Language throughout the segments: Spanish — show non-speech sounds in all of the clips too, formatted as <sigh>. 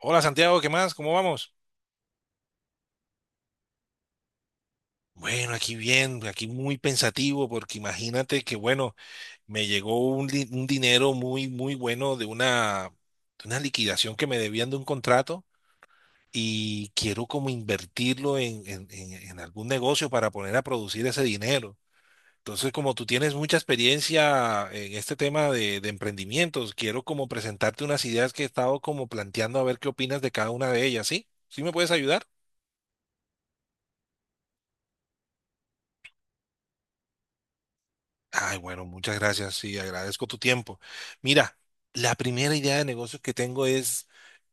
Hola Santiago, ¿qué más? ¿Cómo vamos? Bueno, aquí bien, aquí muy pensativo, porque imagínate que, bueno, me llegó un dinero muy, muy bueno de una liquidación que me debían de un contrato y quiero como invertirlo en algún negocio para poner a producir ese dinero. Entonces, como tú tienes mucha experiencia en este tema de emprendimientos, quiero como presentarte unas ideas que he estado como planteando a ver qué opinas de cada una de ellas, ¿sí? ¿Sí me puedes ayudar? Ay, bueno, muchas gracias. Sí, agradezco tu tiempo. Mira, la primera idea de negocio que tengo es,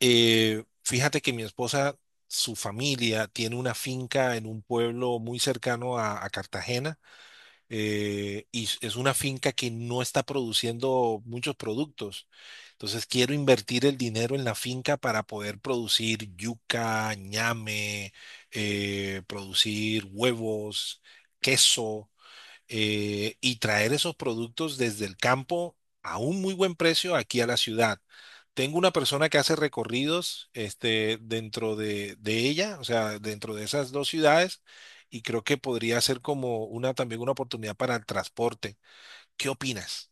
fíjate que mi esposa, su familia tiene una finca en un pueblo muy cercano a Cartagena. Y es una finca que no está produciendo muchos productos. Entonces quiero invertir el dinero en la finca para poder producir yuca, ñame, producir huevos, queso, y traer esos productos desde el campo a un muy buen precio aquí a la ciudad. Tengo una persona que hace recorridos, dentro de ella, o sea, dentro de esas dos ciudades, y creo que podría ser como una también una oportunidad para el transporte. ¿Qué opinas?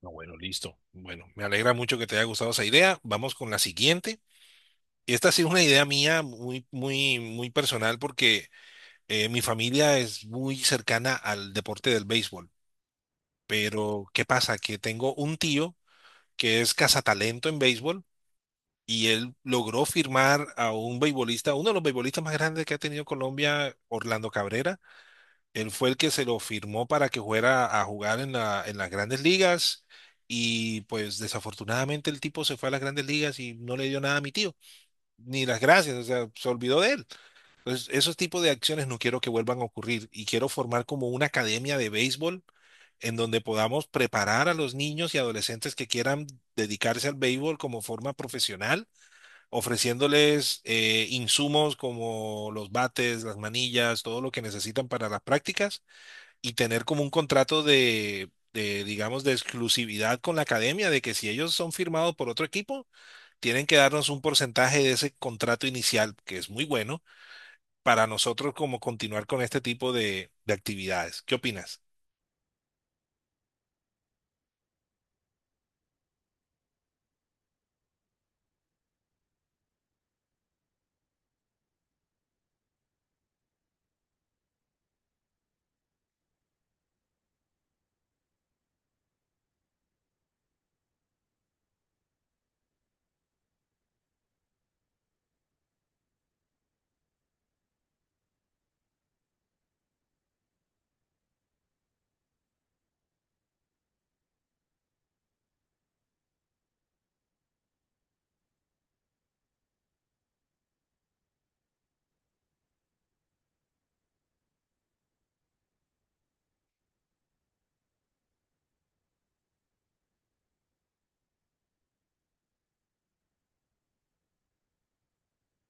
No, bueno, listo. Bueno, me alegra mucho que te haya gustado esa idea. Vamos con la siguiente. Esta ha sido una idea mía muy, muy, muy personal porque mi familia es muy cercana al deporte del béisbol. Pero, ¿qué pasa? Que tengo un tío que es cazatalento en béisbol y él logró firmar a un beisbolista, uno de los beisbolistas más grandes que ha tenido Colombia, Orlando Cabrera. Él fue el que se lo firmó para que fuera a jugar en las grandes ligas. Y pues desafortunadamente el tipo se fue a las grandes ligas y no le dio nada a mi tío, ni las gracias, o sea, se olvidó de él. Entonces, esos tipos de acciones no quiero que vuelvan a ocurrir y quiero formar como una academia de béisbol en donde podamos preparar a los niños y adolescentes que quieran dedicarse al béisbol como forma profesional, ofreciéndoles insumos como los bates, las manillas, todo lo que necesitan para las prácticas y tener como un contrato de, digamos, de exclusividad con la academia, de que si ellos son firmados por otro equipo, tienen que darnos un porcentaje de ese contrato inicial, que es muy bueno, para nosotros como continuar con este tipo de actividades. ¿Qué opinas?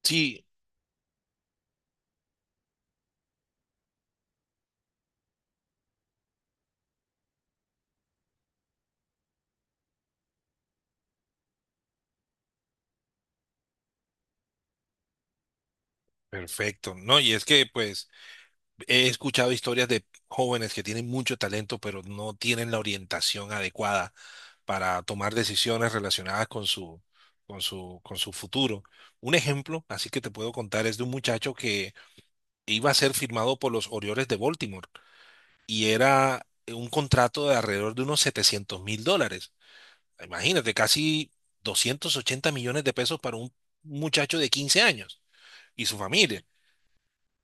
Sí, perfecto, ¿no? Y es que pues he escuchado historias de jóvenes que tienen mucho talento, pero no tienen la orientación adecuada para tomar decisiones relacionadas con su futuro. Un ejemplo, así que te puedo contar, es de un muchacho que iba a ser firmado por los Orioles de Baltimore y era un contrato de alrededor de unos 700 mil dólares. Imagínate, casi 280 millones de pesos para un muchacho de 15 años y su familia.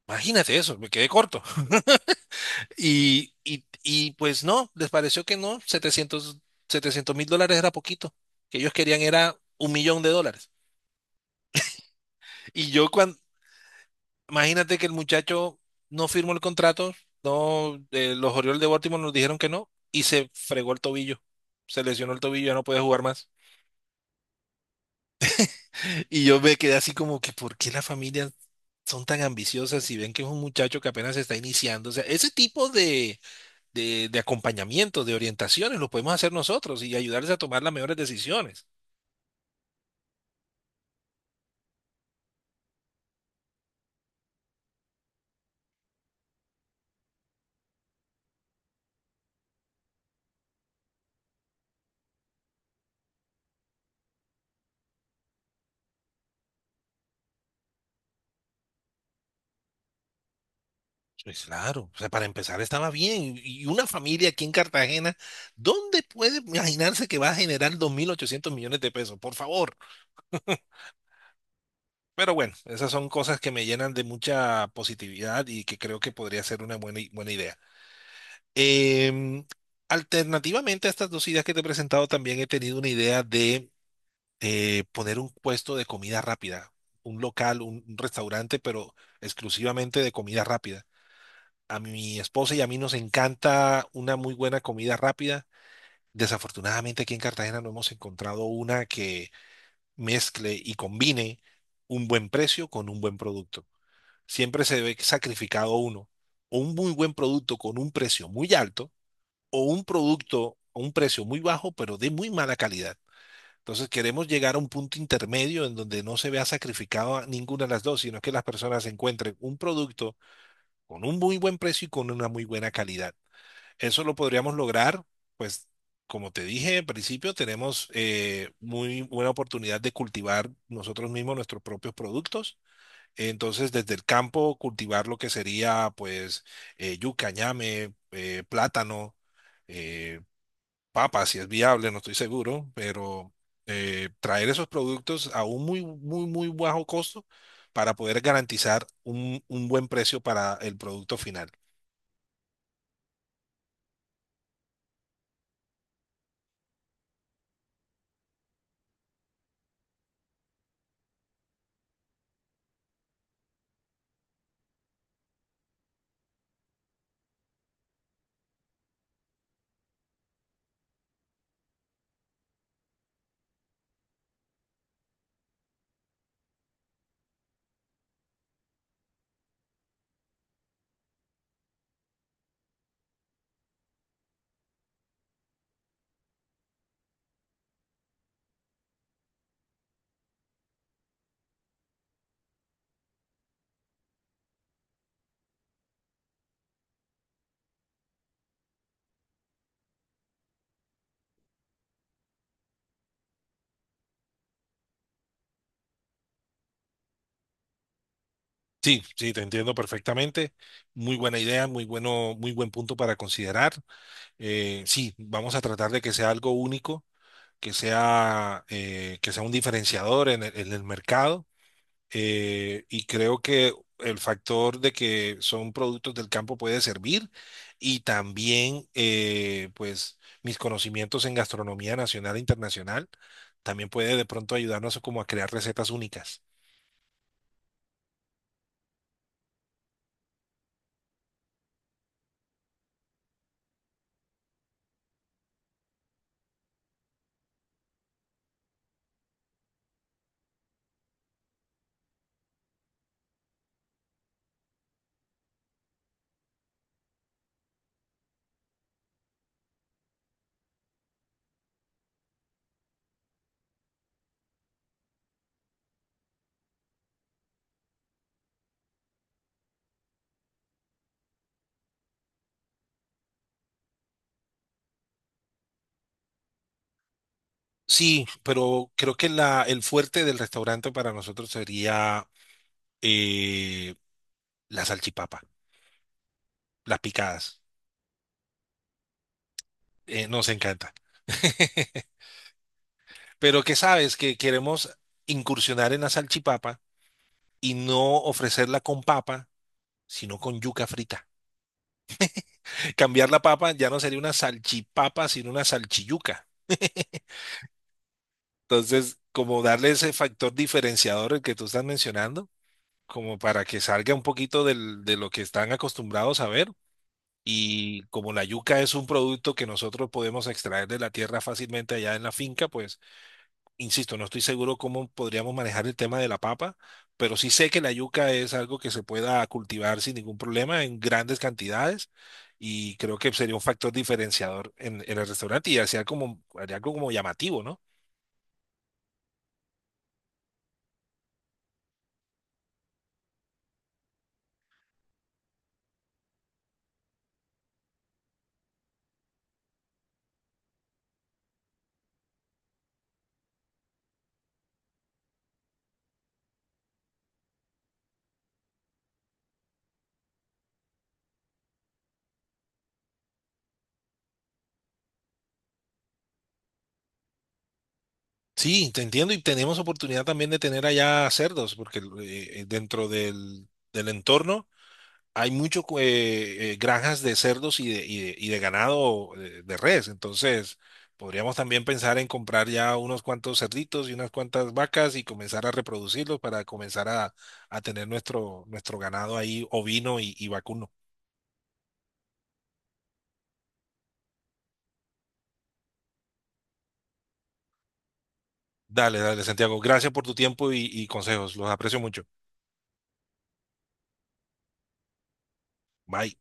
Imagínate eso, me quedé corto. Y pues no, les pareció que no, 700 700 mil dólares era poquito, que ellos querían era un millón de dólares. Y yo cuando, imagínate que el muchacho no firmó el contrato, no, los Orioles de Baltimore nos dijeron que no, y se fregó el tobillo, se lesionó el tobillo, ya no puede jugar más. Y yo me quedé así como que, ¿por qué las familias son tan ambiciosas si ven que es un muchacho que apenas se está iniciando? O sea, ese tipo de de acompañamiento, de orientaciones, lo podemos hacer nosotros y ayudarles a tomar las mejores decisiones. Pues claro, o sea, para empezar estaba bien. Y una familia aquí en Cartagena, ¿dónde puede imaginarse que va a generar 2.800 millones de pesos? Por favor. Pero bueno, esas son cosas que me llenan de mucha positividad y que creo que podría ser una buena idea. Em, Alternativamente a estas dos ideas que te he presentado, también he tenido una idea de poner un puesto de comida rápida, un local, un restaurante, pero exclusivamente de comida rápida. A mi esposa y a mí nos encanta una muy buena comida rápida. Desafortunadamente aquí en Cartagena no hemos encontrado una que mezcle y combine un buen precio con un buen producto. Siempre se ve sacrificado uno, o un muy buen producto con un precio muy alto, o un producto a un precio muy bajo, pero de muy mala calidad. Entonces queremos llegar a un punto intermedio en donde no se vea sacrificado a ninguna de las dos, sino que las personas encuentren un producto con un muy buen precio y con una muy buena calidad. Eso lo podríamos lograr, pues como te dije en principio, tenemos muy buena oportunidad de cultivar nosotros mismos nuestros propios productos. Entonces desde el campo cultivar lo que sería pues yuca, ñame, plátano, eh, papa, si es viable, no estoy seguro, pero traer esos productos a un muy, muy, muy bajo costo para poder garantizar un buen precio para el producto final. Sí, sí, te entiendo perfectamente. Muy buena idea, muy bueno, muy buen punto para considerar. Sí, vamos a tratar de que sea algo único, que sea un diferenciador en el mercado, y creo que el factor de que son productos del campo puede servir y también, pues mis conocimientos en gastronomía nacional e internacional también puede de pronto ayudarnos como a crear recetas únicas. Sí, pero creo que el fuerte del restaurante para nosotros sería, eh, la salchipapa, las picadas. Nos encanta. <laughs> Pero que sabes que queremos incursionar en la salchipapa y no ofrecerla con papa, sino con yuca frita. <laughs> Cambiar la papa ya no sería una salchipapa, sino una salchiyuca. <laughs> Entonces, como darle ese factor diferenciador el que tú estás mencionando, como para que salga un poquito de lo que están acostumbrados a ver. Y como la yuca es un producto que nosotros podemos extraer de la tierra fácilmente allá en la finca, pues insisto, no estoy seguro cómo podríamos manejar el tema de la papa, pero sí sé que la yuca es algo que se pueda cultivar sin ningún problema en grandes cantidades y creo que sería un factor diferenciador en el restaurante y haría como, haría algo como llamativo, ¿no? Sí, te entiendo y tenemos oportunidad también de tener allá cerdos, porque dentro del entorno hay mucho, granjas de cerdos y de, y de ganado, res, entonces podríamos también pensar en comprar ya unos cuantos cerditos y unas cuantas vacas y comenzar a reproducirlos para comenzar a tener nuestro, nuestro ganado ahí ovino y vacuno. Dale, dale, Santiago, gracias por tu tiempo y consejos, los aprecio mucho. Bye.